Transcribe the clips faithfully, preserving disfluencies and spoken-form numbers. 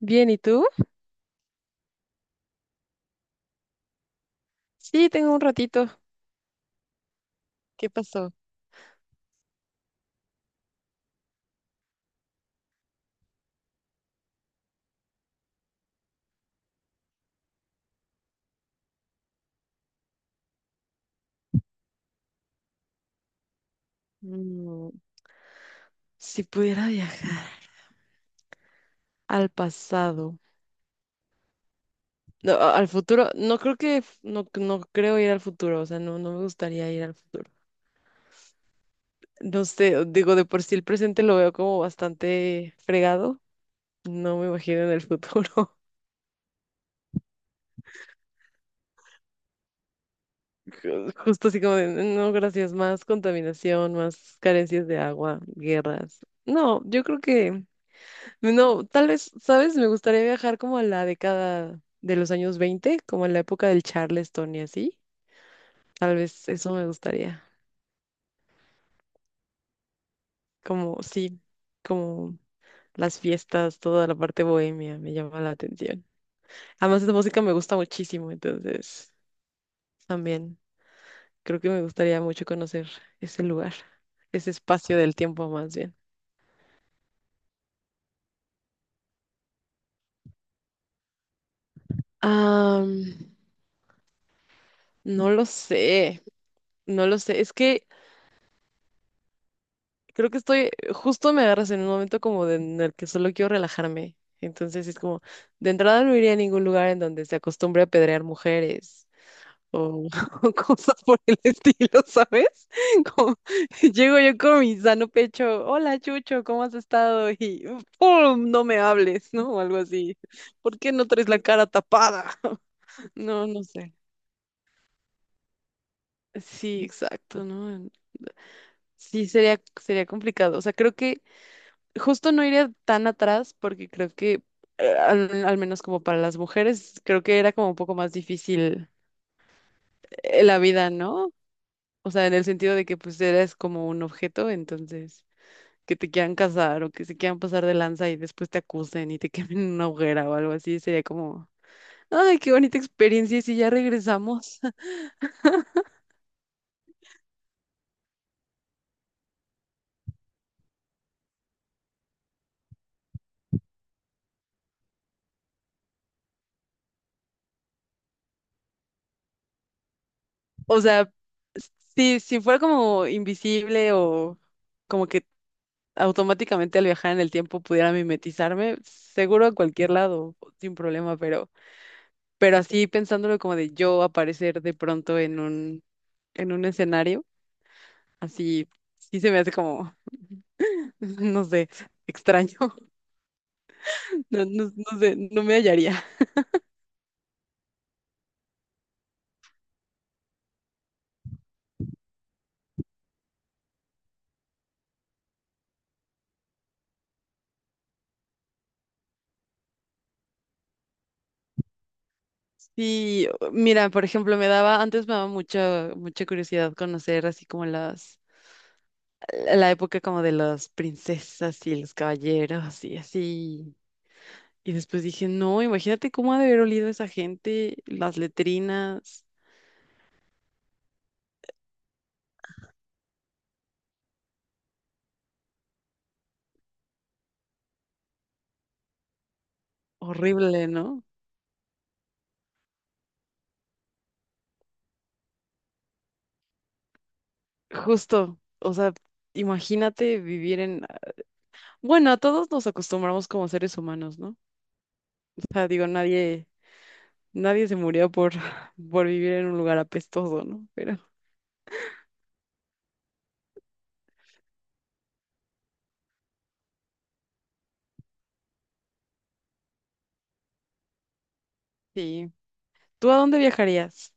Bien, ¿y tú? Sí, tengo un ratito. ¿Qué pasó? Mm, si pudiera viajar al pasado, no, a- al futuro, no creo que, f- no, no creo ir al futuro, o sea, no, no me gustaría ir al futuro. No sé, digo, de por sí el presente lo veo como bastante fregado, no me imagino en el futuro. Ju- Justo así como de, no, gracias, más contaminación, más carencias de agua, guerras. No, yo creo que no, tal vez, ¿sabes? Me gustaría viajar como a la década de los años veinte, como en la época del Charleston y así. Tal vez eso me gustaría. Como, sí, como las fiestas, toda la parte bohemia me llama la atención. Además, esa música me gusta muchísimo, entonces también creo que me gustaría mucho conocer ese lugar, ese espacio del tiempo más bien. Ah, no lo sé, no lo sé. Es que creo que estoy, justo me agarras en un momento como de- en el que solo quiero relajarme. Entonces es como, de entrada no iría a ningún lugar en donde se acostumbre a apedrear mujeres o, o cosas por el estilo, ¿sabes? Como, llego yo con mi sano pecho, hola Chucho, ¿cómo has estado? Y ¡pum! No me hables, ¿no? O algo así. ¿Por qué no traes la cara tapada? No, no sé. Sí, exacto, ¿no? Sí, sería, sería complicado. O sea, creo que justo no iría tan atrás porque creo que, eh, al, al menos como para las mujeres, creo que era como un poco más difícil eh, la vida, ¿no? O sea, en el sentido de que pues eres como un objeto, entonces que te quieran casar o que se quieran pasar de lanza y después te acusen y te quemen en una hoguera o algo así, sería como, ay, qué bonita experiencia, y si ya regresamos. O sea, si, si fuera como invisible o como que automáticamente al viajar en el tiempo pudiera mimetizarme, seguro a cualquier lado, sin problema, pero, pero así pensándolo como de yo aparecer de pronto en un, en un escenario, así sí se me hace como, no sé, extraño. No, no, no sé, no me hallaría. Sí, mira, por ejemplo, me daba, antes me daba mucha, mucha curiosidad conocer así como las, la época como de las princesas y los caballeros y así. Y después dije, no, imagínate cómo ha de haber olido esa gente, las letrinas, horrible, ¿no? Justo, o sea, imagínate vivir en... Bueno, a todos nos acostumbramos como seres humanos, ¿no? O sea, digo, nadie, nadie se murió por, por vivir en un lugar apestoso, ¿no? Pero sí, ¿tú a dónde viajarías?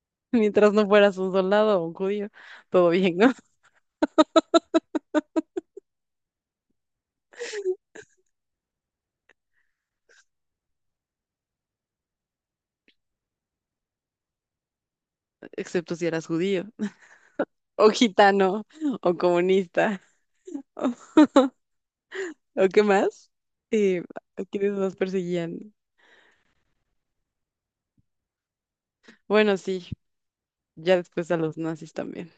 Mientras no fueras un soldado o un judío, todo bien, ¿no? Excepto si eras judío, o gitano, o comunista. ¿O qué más? Eh, ¿a quiénes más perseguían? Bueno, sí, ya después a los nazis también.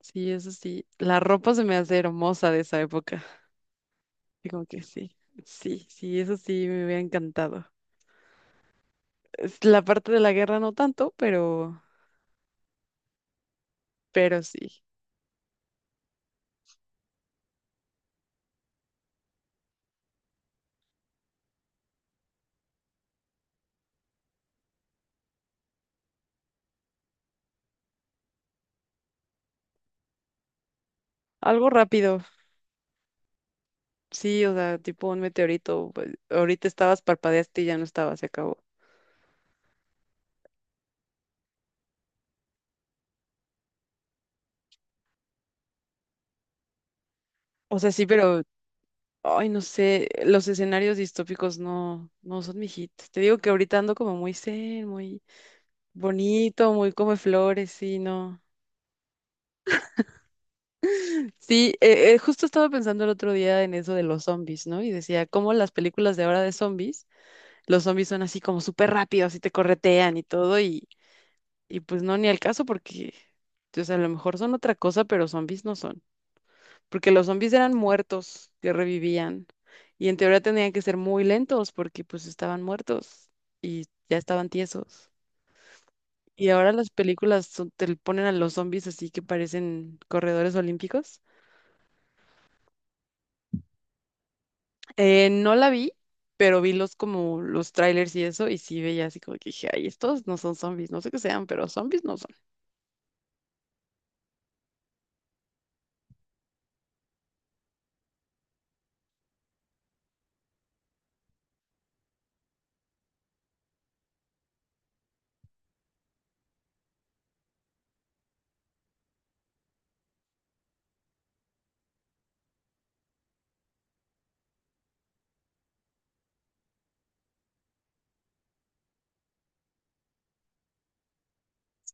Sí, eso sí. La ropa se me hace hermosa de esa época. Y como que sí, sí, sí, eso sí me hubiera encantado. Es la parte de la guerra no tanto, pero, pero sí. Algo rápido, sí, o sea, tipo un meteorito. Pues, ahorita estabas, parpadeaste y ya no estaba, se acabó. O sea, sí, pero, ay, no sé, los escenarios distópicos no, no son mi hit. Te digo que ahorita ando como muy zen, muy bonito, muy come flores, sí, no. Sí, eh, eh, justo estaba pensando el otro día en eso de los zombies, ¿no? Y decía, cómo las películas de ahora de zombies, los zombies son así como súper rápidos y te corretean y todo, y, y pues no, ni al caso porque, o sea, a lo mejor son otra cosa, pero zombies no son. Porque los zombies eran muertos que revivían y en teoría tenían que ser muy lentos porque pues estaban muertos y ya estaban tiesos. Y ahora las películas son- te le ponen a los zombies así que parecen corredores olímpicos. Eh, no la vi, pero vi los como los trailers y eso, y sí veía así como que dije, ay, estos no son zombies, no sé qué sean, pero zombies no son.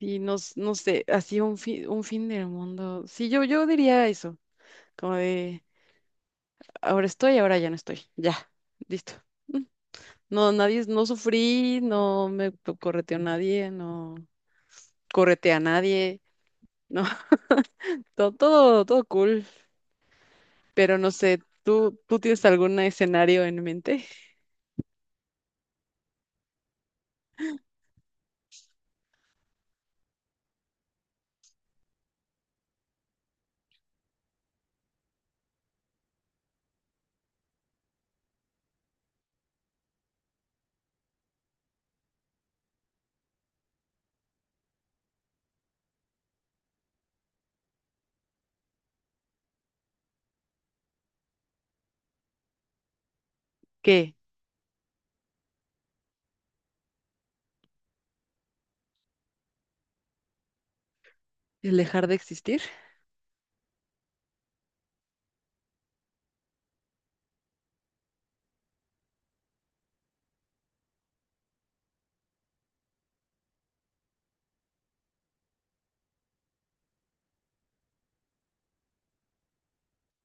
Y no, s- no sé, así un fin, un fin del mundo. Sí, yo, yo diría eso, como de ahora estoy, ahora ya no estoy. Ya, listo. Mm. No, nadie, no sufrí, no me p- correteó nadie, no correte a nadie, no, todo, todo, todo cool. Pero no sé, ¿tú, tú tienes algún escenario en mente? ¿Qué? ¿El dejar de existir?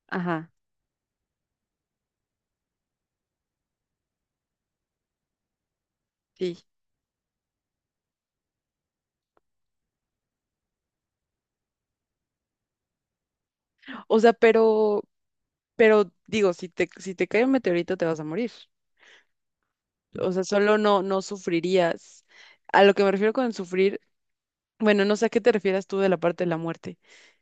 Ajá, sí. O sea, pero, pero digo, si te, si te cae un meteorito te vas a morir. O sea, solo no, no sufrirías. A lo que me refiero con sufrir, bueno, no sé a qué te refieras tú de la parte de la muerte.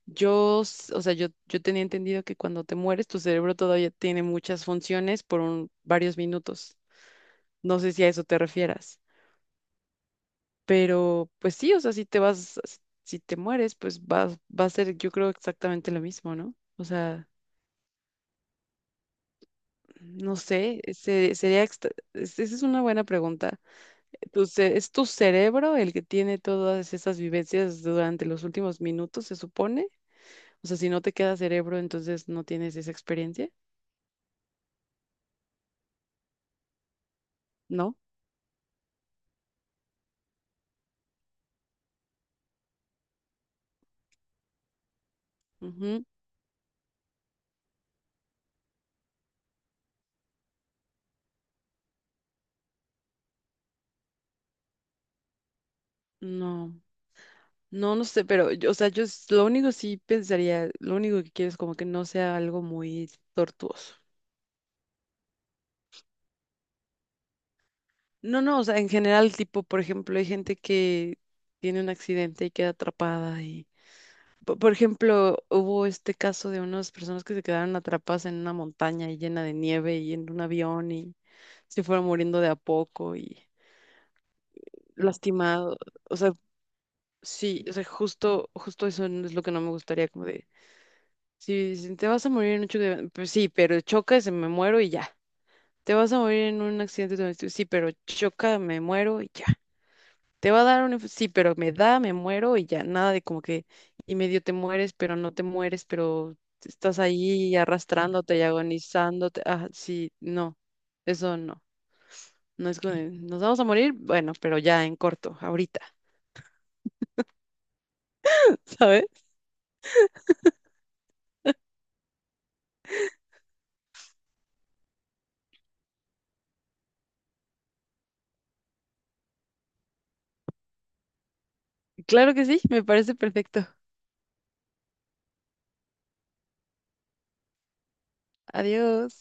Yo, s- o sea, yo, yo tenía entendido que cuando te mueres, tu cerebro todavía tiene muchas funciones por un- varios minutos. No sé si a eso te refieras. Pero pues sí, o sea, si te vas, si si te mueres, pues va, va a ser, yo creo, exactamente lo mismo, ¿no? O sea, no sé, se- sería, extra- es- esa es una buena pregunta. Tu ce- ¿es tu cerebro el que tiene todas esas vivencias durante los últimos minutos, se supone? O sea, si no te queda cerebro, entonces no tienes esa experiencia, ¿no? Ujú, no. No, no sé, pero, yo- o sea, yo s- lo único sí pensaría, lo único que quiero es como que no sea algo muy tortuoso. No, no, o sea, en general, tipo, por ejemplo, hay gente que tiene un accidente y queda atrapada y, po- por ejemplo, hubo este caso de unas personas que se quedaron atrapadas en una montaña y llena de nieve y en un avión y se fueron muriendo de a poco y lastimado, o sea, sí, o sea, justo, justo eso no es lo que no me gustaría, como de, si, si te vas a morir en un choque, de- avión, pues sí, pero choca y se me muero y ya. Te vas a morir en un accidente, de- avión, sí, pero choca, me muero y ya. Te va a dar un... inf- sí, pero me da, me muero y ya, nada de como que y medio te mueres, pero no te mueres, pero estás ahí arrastrándote y agonizándote. Ah, sí, no, eso no. No es como, de, nos vamos a morir, bueno, pero ya en corto, ahorita, ¿sabes? Claro que sí, me parece perfecto. Adiós.